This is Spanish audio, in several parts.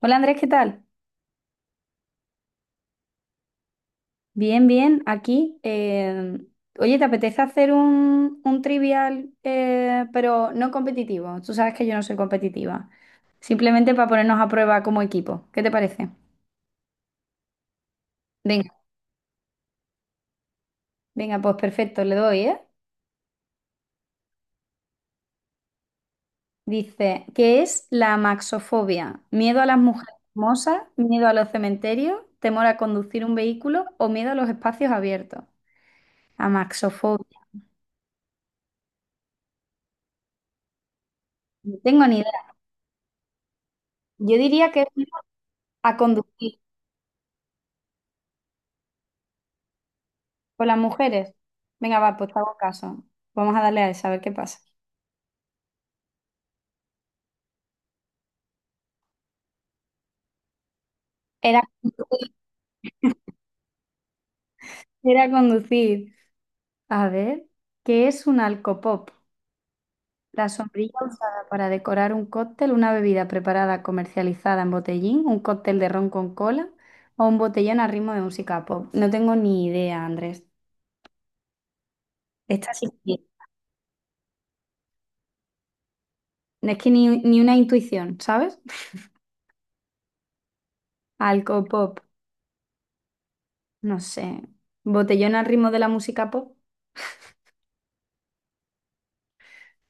Hola Andrés, ¿qué tal? Bien, bien, aquí. Oye, ¿te apetece hacer un trivial, pero no competitivo? Tú sabes que yo no soy competitiva. Simplemente para ponernos a prueba como equipo. ¿Qué te parece? Venga, venga, pues perfecto, le doy, ¿eh? Dice, ¿qué es la amaxofobia? ¿Miedo a las mujeres hermosas? ¿Miedo a los cementerios? ¿Temor a conducir un vehículo? ¿O miedo a los espacios abiertos? Amaxofobia. No tengo ni idea. Yo diría que es miedo a conducir. Con las mujeres. Venga, va, pues te hago caso. Vamos a darle a esa, a ver qué pasa. Era, era conducir. A ver, ¿qué es un alcopop? La sombrilla usada para decorar un cóctel, una bebida preparada, comercializada en botellín, un cóctel de ron con cola o un botellón a ritmo de música pop. No tengo ni idea, Andrés. Esta sí que- Es que ni una intuición, ¿sabes? Alcopop, no sé. Botellón al ritmo de la música pop,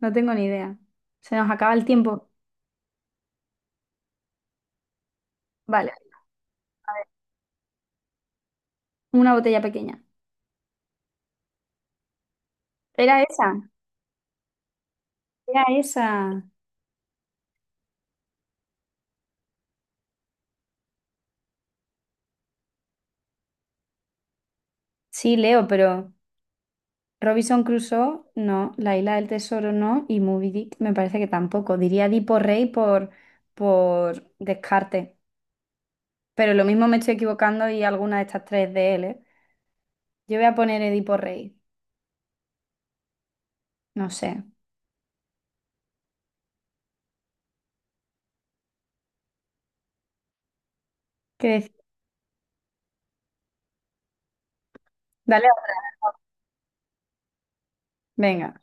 no tengo ni idea. Se nos acaba el tiempo. Vale. Una botella pequeña. Era esa, era esa. Sí, leo, pero Robinson Crusoe, no. La Isla del Tesoro, no. Y Moby Dick, me parece que tampoco. Diría Edipo Rey por descarte. Pero lo mismo me estoy equivocando y alguna de estas tres de él, ¿eh? Yo voy a poner Edipo Rey. No sé. ¿Qué decir? Dale otra. Venga.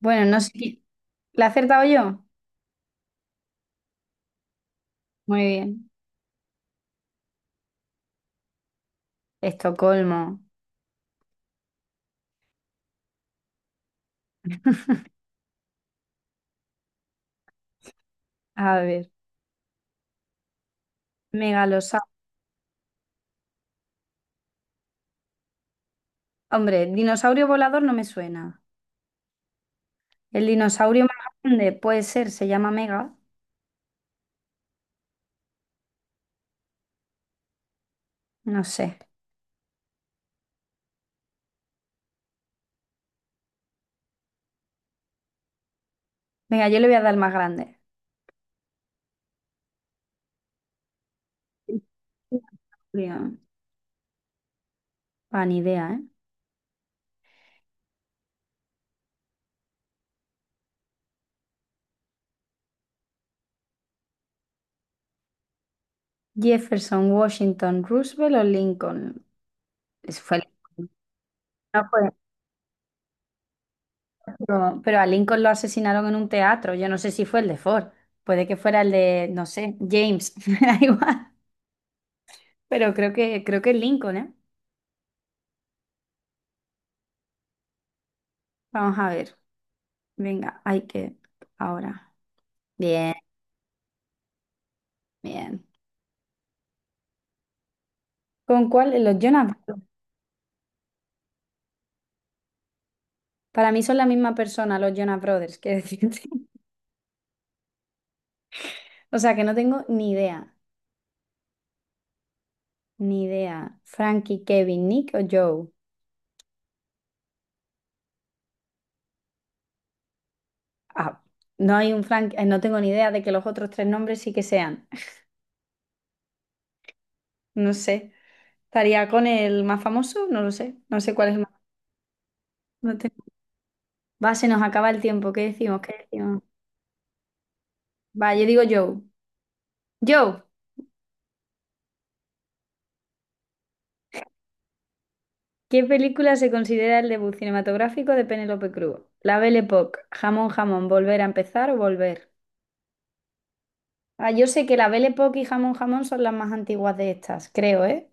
Bueno, no sé. Qui- ¿La he acertado yo? Muy bien. Estocolmo. A ver. Hombre, dinosaurio volador no me suena. El dinosaurio más grande puede ser, se llama Mega, no sé. Venga, yo le voy a dar el más grande. Dinosaurio. Ah, ni idea, ¿eh? Jefferson, Washington, Roosevelt o Lincoln. Eso fue Lincoln. No fue. Pero a Lincoln lo asesinaron en un teatro. Yo no sé si fue el de Ford. Puede que fuera el de, no sé, James. Me da igual. Pero creo que es Lincoln, ¿eh? Vamos a ver. Venga, hay que. Ahora. Bien, bien. ¿Con cuál? Los Jonas Brothers. Para mí son la misma persona, los Jonas Brothers, que decirte. O sea que no tengo ni idea, ni idea. Frankie, Kevin, Nick o Joe. Ah, no hay un Frank, no tengo ni idea de que los otros tres nombres sí que sean. No sé. ¿Estaría con el más famoso? No lo sé. No sé cuál es el más. No tengo- Va, se nos acaba el tiempo. ¿Qué decimos? ¿Qué decimos? Va, yo digo Joe. Joe, ¿qué película se considera el debut cinematográfico de Penélope Cruz? La Belle Époque, Jamón Jamón, Volver a empezar o Volver. Ah, yo sé que la Belle Époque y Jamón Jamón son las más antiguas de estas, creo, ¿eh?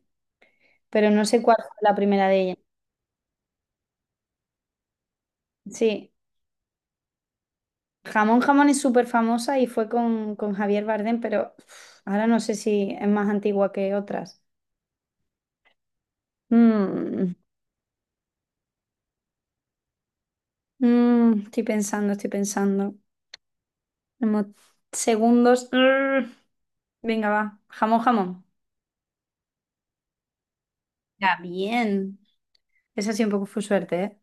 Pero no sé cuál fue la primera de ellas. Sí, Jamón Jamón es súper famosa y fue con Javier Bardem, pero uf, ahora no sé si es más antigua que otras. Mm, Estoy pensando, estoy pensando. Como segundos. Venga, va. Jamón Jamón. Ya, bien. Esa sí un poco fue suerte, ¿eh?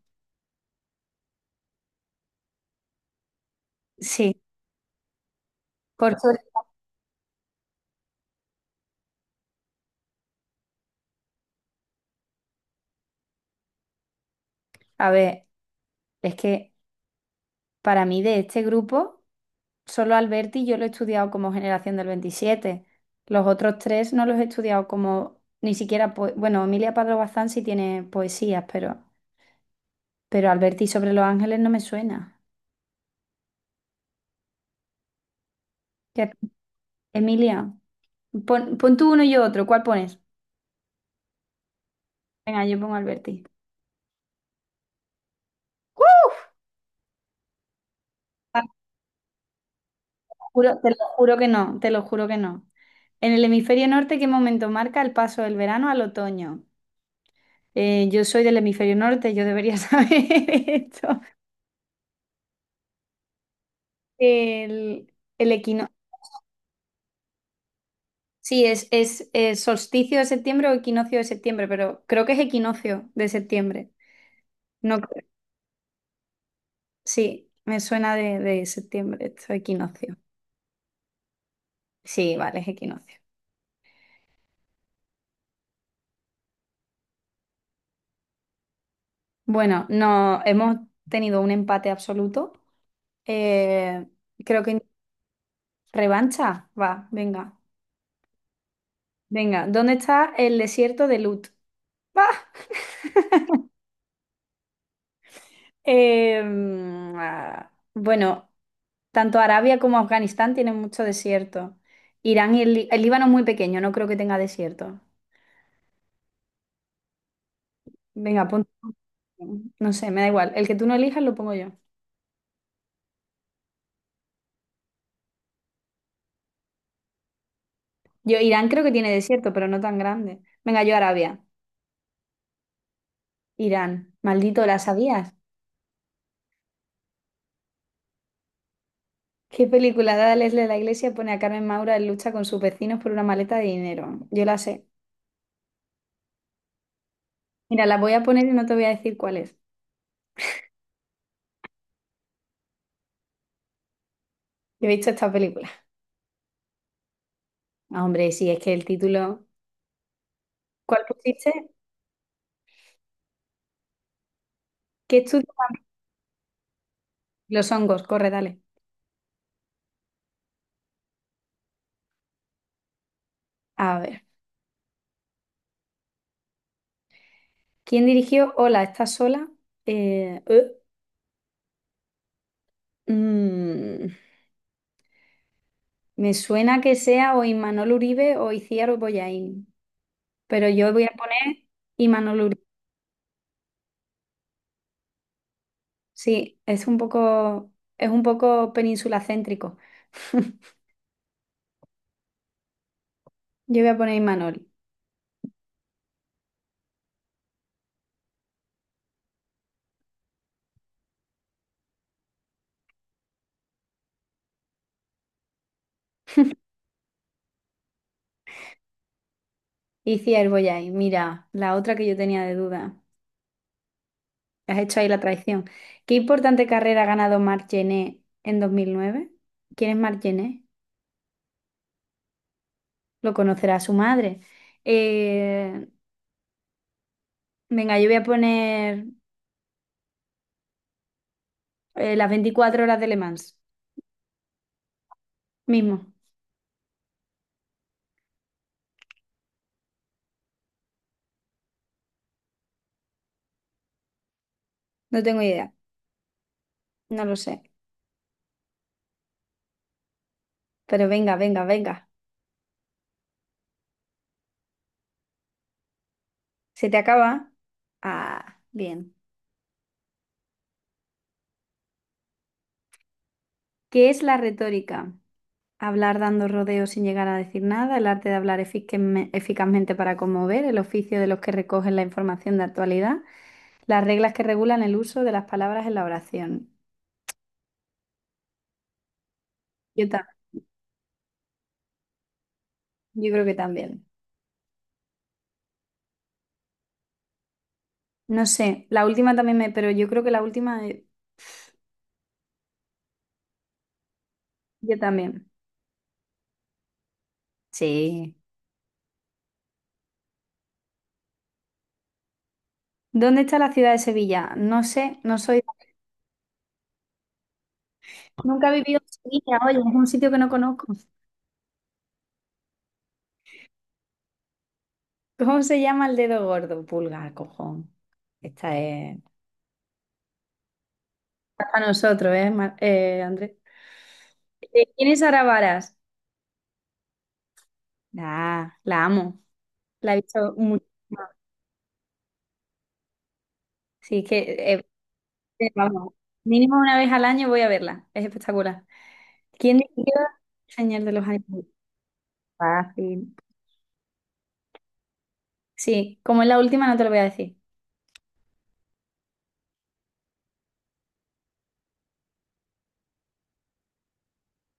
Sí, por suerte. A ver, es que para mí, de este grupo, solo Alberti yo lo he estudiado como generación del 27. Los otros tres no los he estudiado como ni siquiera, poe- bueno, Emilia Pardo Bazán sí tiene poesías, pero Alberti sobre los ángeles no me suena. ¿Qué- Emilia, pon tú uno y yo otro, ¿cuál pones? Venga, yo pongo Alberti. Ah, juro- te lo juro que no, te lo juro que no. En el hemisferio norte, ¿qué momento marca el paso del verano al otoño? Yo soy del hemisferio norte, yo debería saber esto. El, el equino. Sí, es solsticio de septiembre o equinoccio de septiembre, pero creo que es equinoccio de septiembre. No, cre- sí, me suena de septiembre, esto equinoccio. Sí, vale, es equinoccio. Bueno, no, hemos tenido un empate absoluto. Eh, Creo que revancha. Va, venga. Venga, ¿dónde está el desierto de Lut? Va. Ah, bueno, tanto Arabia como Afganistán tienen mucho desierto. Irán y el Líbano es muy pequeño, no creo que tenga desierto. Venga, ponte. No sé, me da igual. El que tú no elijas lo pongo yo. Yo, Irán creo que tiene desierto, pero no tan grande. Venga, yo Arabia. Irán. Maldito, ¿la sabías? ¿Qué película de Leslie de la Iglesia pone a Carmen Maura en lucha con sus vecinos por una maleta de dinero? Yo la sé. Mira, la voy a poner y no te voy a decir cuál es. Yo he visto esta película. Ah, hombre, sí, es que el título. ¿Cuál pusiste? ¿Qué estudio? Los hongos, corre, dale. A ver. ¿Quién dirigió Hola, ¿estás sola? Eh, eh, mm, Me suena que sea o Imanol Uribe o Iciar Bollaín, pero yo voy a poner Imanol Uribe. Sí, es un poco, península céntrico. Yo voy a poner Imanol. Iciar Bollaín, mira, la otra que yo tenía de duda. Has hecho ahí la traición. ¿Qué importante carrera ha ganado Marc Gené en 2009? ¿Quién es Marc Gené? Lo conocerá su madre. Eh, Venga, yo voy a poner las 24 horas de Le Mans, mismo. No tengo idea, no lo sé. Pero venga, venga, venga. ¿Se te acaba? Ah, bien. ¿Qué es la retórica? Hablar dando rodeos sin llegar a decir nada, el arte de hablar eficazmente para conmover, el oficio de los que recogen la información de actualidad, las reglas que regulan el uso de las palabras en la oración. Yo, ta- yo creo que también. No sé, la última también me, pero yo creo que la última yo también. Sí. ¿Dónde está la ciudad de Sevilla? No sé, no soy. Nunca he vivido en Sevilla, oye, es un sitio que no conozco. ¿Cómo se llama el dedo gordo? Pulgar, cojón. Esta es para nosotros, ¿eh, Andrés? ¿Quién es Sara Varas? Ah, la amo. La he visto mucho. Sí, es que, eh, vamos, mínimo una vez al año voy a verla. Es espectacular. ¿Quién diría señal de los animales? Fácil. Sí, como es la última, no te lo voy a decir.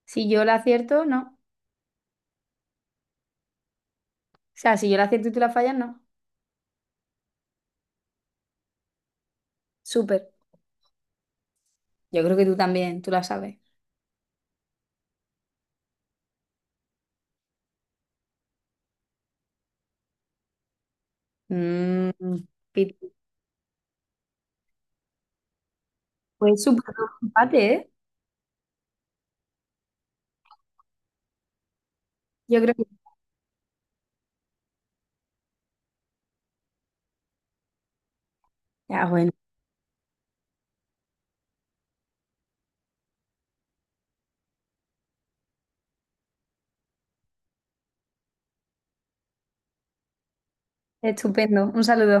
Si yo la acierto, no. O sea, si yo la acierto y tú la fallas, no. Súper. Yo creo que tú también, tú la sabes. Mm, pi- pues súper, ¿no? Empate, ¿eh? Yo creo que. Ya, bueno. Estupendo. Un saludo.